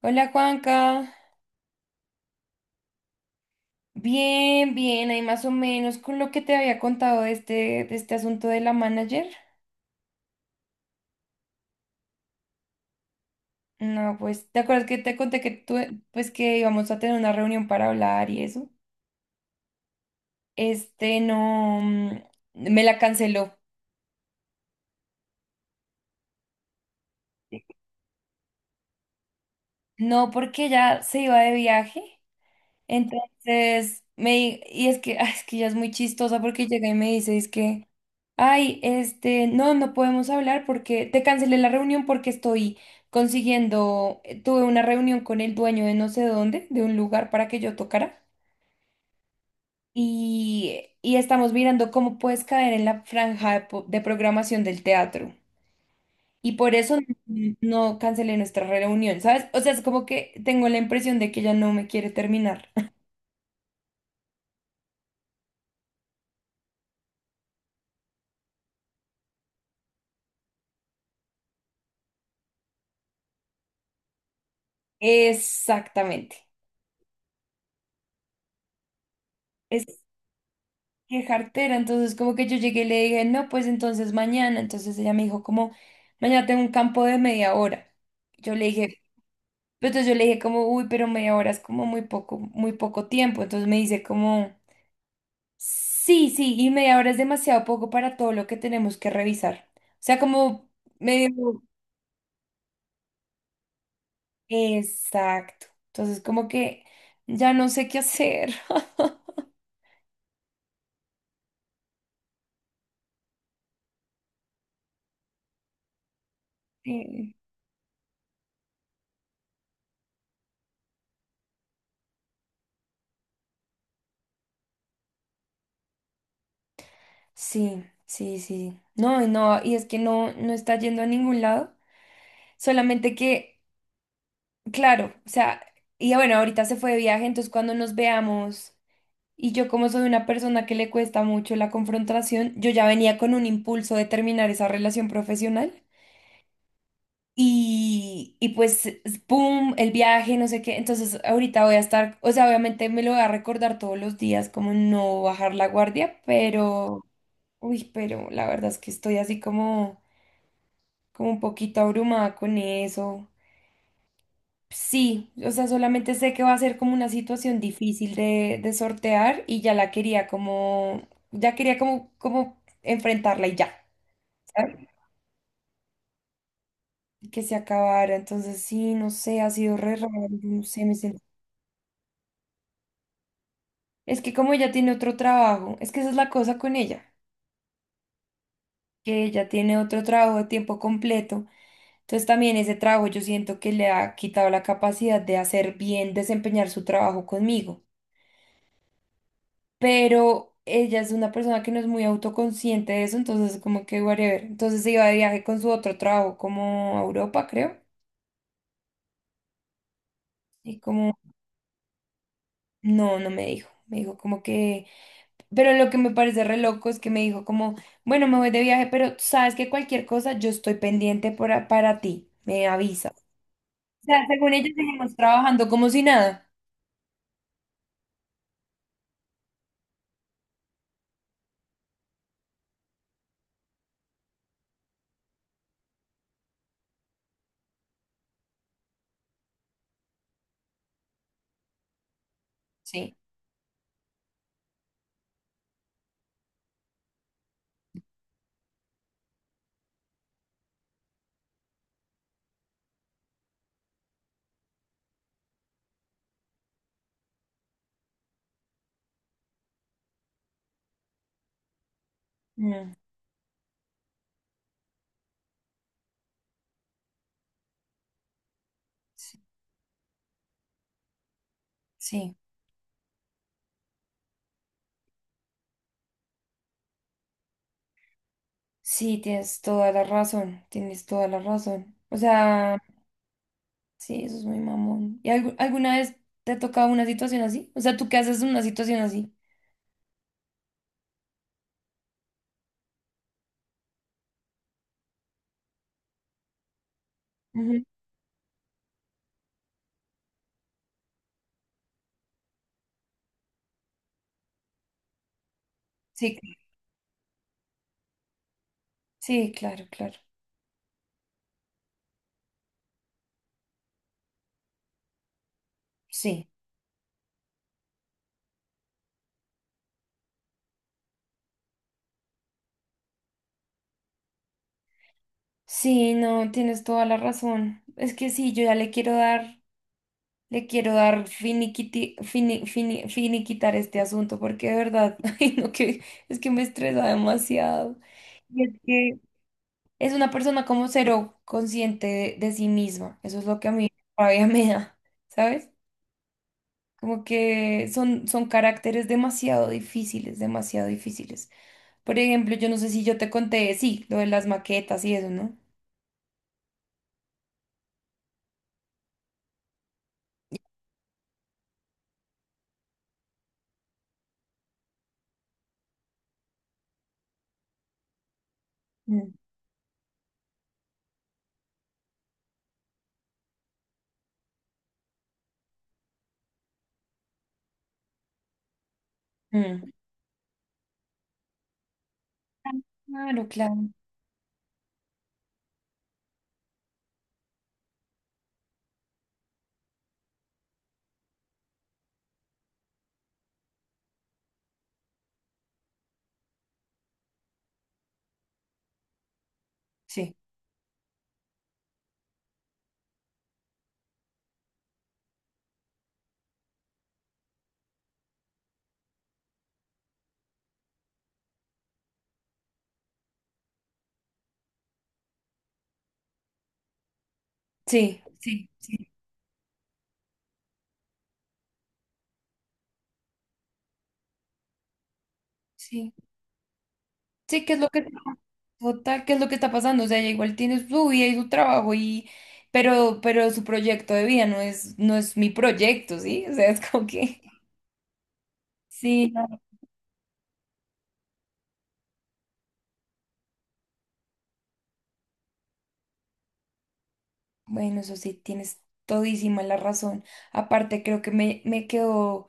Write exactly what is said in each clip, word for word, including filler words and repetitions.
Hola Juanca, bien, bien, ahí más o menos con lo que te había contado de este, de este asunto de la manager. No, pues, ¿te acuerdas que te conté que tú, pues que íbamos a tener una reunión para hablar y eso? Este, no, mm, me la canceló. No, porque ya se iba de viaje. Entonces, me, di- y es que, ah, es que ya es muy chistosa porque llega y me dice, es que... Ay, este, no, no podemos hablar porque te cancelé la reunión porque estoy consiguiendo, eh, tuve una reunión con el dueño de no sé dónde, de un lugar para que yo tocara y, y estamos mirando cómo puedes caer en la franja de, po- de programación del teatro. Y por eso n- no cancelé nuestra reunión, ¿sabes? O sea, es como que tengo la impresión de que ya no me quiere terminar. Exactamente. Qué jartera. Entonces, como que yo llegué y le dije, no, pues entonces mañana. Entonces ella me dijo, como, mañana tengo un campo de media hora. Yo le dije, pues entonces yo le dije como, uy, pero media hora es como muy poco, muy poco tiempo. Entonces me dice como, sí, sí, y media hora es demasiado poco para todo lo que tenemos que revisar. O sea, como medio... Exacto. Entonces, como que ya no sé qué hacer. Sí, sí, sí. Sí. No, y no, y es que no, no está yendo a ningún lado. Solamente que, claro, o sea, y bueno, ahorita se fue de viaje, entonces cuando nos veamos, y yo como soy una persona que le cuesta mucho la confrontación, yo ya venía con un impulso de terminar esa relación profesional. Y, y pues, es- ¡pum!, el viaje, no sé qué. Entonces, ahorita voy a estar, o sea, obviamente me lo voy a recordar todos los días, como no bajar la guardia, pero, uy, pero la verdad es que estoy así como, como un poquito abrumada con eso. Sí, o sea, solamente sé que va a ser como una situación difícil de, de sortear y ya la quería como, ya quería como, como enfrentarla y ya, ¿sabes? Que se acabara. Entonces, sí, no sé, ha sido re raro, no sé, me siento. Es que como ella tiene otro trabajo, es que esa es la cosa con ella, que ella tiene otro trabajo de tiempo completo. Entonces también ese trabajo yo siento que le ha quitado la capacidad de hacer bien, desempeñar su trabajo conmigo. Pero ella es una persona que no es muy autoconsciente de eso, entonces como que whatever. Entonces se iba de viaje con su otro trabajo como a Europa, creo, y como, no, no me dijo, me dijo como que, pero lo que me parece re loco es que me dijo como, bueno, me voy de viaje, pero sabes que cualquier cosa yo estoy pendiente para, para ti, me avisa. O sea, según ella seguimos trabajando como si nada. Sí. Mm, sí, sí, sí, tienes toda la razón, tienes toda la razón. O sea... Sí, eso es muy mamón. ¿Y algu- alguna vez te ha tocado una situación así? O sea, ¿tú qué haces en una situación así? Ujú. Sí, cl- sí, claro, claro. Sí. Sí, no, tienes toda la razón. Es que sí, yo ya le quiero dar, le quiero dar finiquiti, fini- fini- finiquitar este asunto, porque de verdad, ay, no, que es que me estresa demasiado. Y es que es una persona como cero consciente de, de sí misma. Eso es lo que a mí todavía me da, ¿sabes? Como que son, son caracteres demasiado difíciles, demasiado difíciles. Por ejemplo, yo no sé si yo te conté, sí, lo de las maquetas y eso, ¿no? Mm. Mm. Claro, claro. Sí. Sí, sí, sí, sí. Sí, ¿qué es lo que total, ¿qué es lo que está pasando? O sea, ella igual tiene su vida y su trabajo y, pero, pero su proyecto de vida no es, no es mi proyecto, ¿sí? O sea, es como que, sí, no. Bueno, eso sí, tienes todísima la razón. Aparte, creo que me, me quedó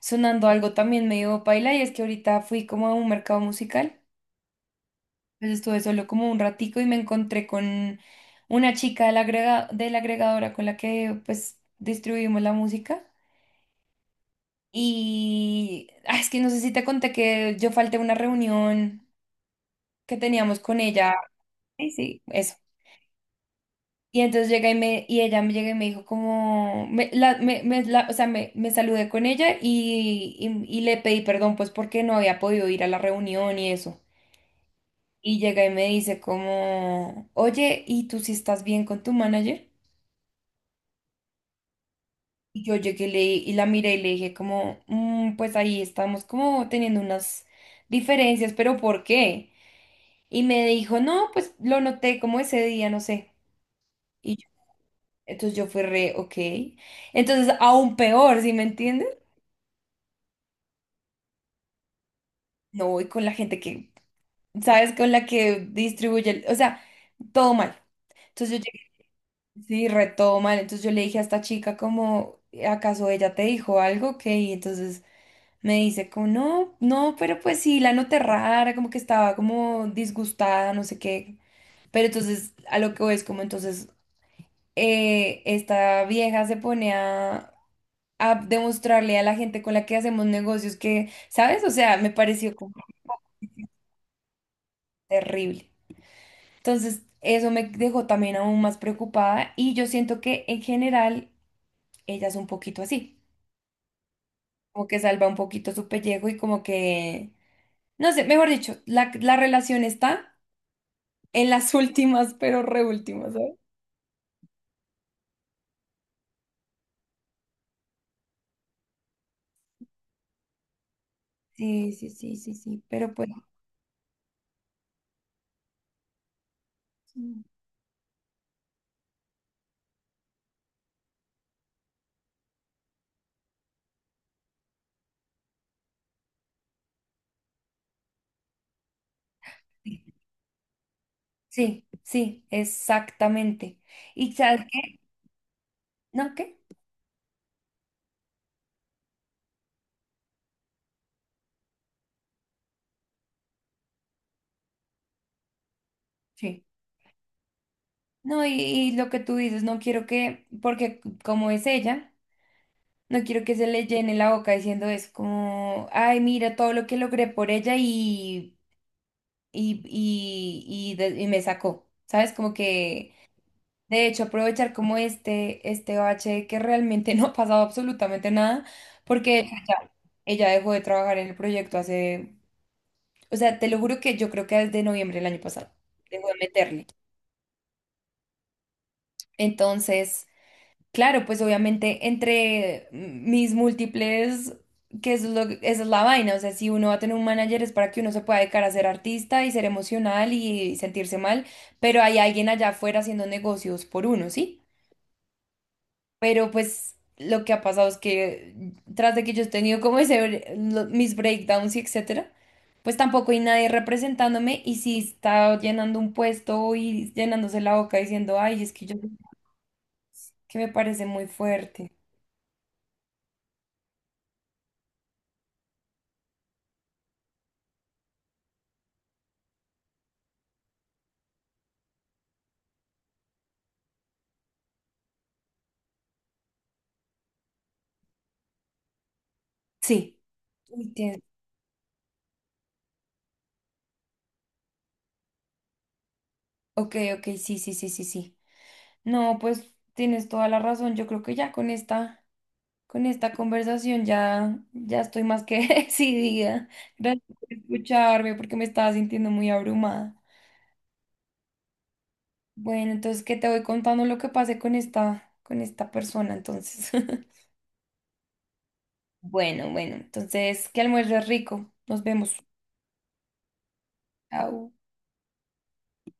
sonando algo también medio paila y es que ahorita fui como a un mercado musical, pues estuve solo como un ratico y me encontré con una chica de la agrega- de la agregadora con la que pues distribuimos la música y ah, es que no sé si te conté que yo falté a una reunión que teníamos con ella, sí, sí, eso. Y entonces llega y, me, y ella me llega y me dijo como, me, la, me, me- la- o sea, me, me saludé con ella y, y y le pedí perdón pues porque no había podido ir a la reunión y eso. Y llega y me dice como, oye, ¿y tú si estás bien con tu manager? Y yo llegué y le- y la miré y le dije como, "Mm, pues ahí estamos como teniendo unas diferencias, pero ¿por qué?" Y me dijo, no, pues lo noté como ese día, no sé. Y yo- entonces yo fui re, ok. Entonces aún peor, ¿sí me entiendes? No voy con la gente que, ¿sabes? Con la que distribuye, el- o sea, todo mal. Entonces yo Sí, retó mal. Entonces yo le dije a esta chica como, ¿acaso ella te dijo algo? Que Y entonces me dice como, no, no, pero pues sí, la noté rara, como que estaba como disgustada, no sé qué. Pero entonces a lo que voy es como, entonces eh, esta vieja se pone a, a demostrarle a la gente con la que hacemos negocios que, ¿sabes? O sea, me pareció como terrible. Entonces eso me dejó también aún más preocupada y yo siento que en general ella es un poquito así. Como que salva un poquito su pellejo y como que, no sé, mejor dicho, la, la relación está en las últimas, pero reúltimas, ¿sabes? Sí, sí, sí, sí, sí, pero pues... Mm, sí, sí, exactamente. ¿Y sabes qué? ¿No qué? Sí. No, y, y lo que tú dices, no quiero que, porque como es ella, no quiero que se le llene la boca diciendo eso, como, ay, mira todo lo que logré por ella y, y, y, y, de- y me sacó, ¿sabes? Como que... De hecho, aprovechar como este, este bache de que realmente no ha pasado absolutamente nada, porque ella, ella dejó de trabajar en el proyecto hace, o sea, te lo juro que yo creo que desde noviembre del año pasado, dejó de meterle. Entonces, claro, pues obviamente entre mis múltiples, que eso es lo, que- esa es la vaina, o sea, si uno va a tener un manager es para que uno se pueda dedicar a ser artista y ser emocional y sentirse mal, pero hay alguien allá afuera haciendo negocios por uno, ¿sí? Pero pues lo que ha pasado es que tras de que yo he tenido como ese, bre- lo- mis breakdowns y etcétera, pues tampoco hay nadie representándome y si está llenando un puesto y llenándose la boca diciendo, ay, es que yo, que me parece muy fuerte. Sí. Uy, tienes- ok, ok, sí, sí, sí, sí, sí. No, pues tienes toda la razón. Yo creo que ya con esta, con esta conversación ya, ya estoy más que decidida. Gracias por escucharme porque me estaba sintiendo muy abrumada. Bueno, entonces qué te voy contando lo que pasé con esta, con esta persona, entonces. Bueno, bueno, entonces que almuerzo rico. Nos vemos. Chao.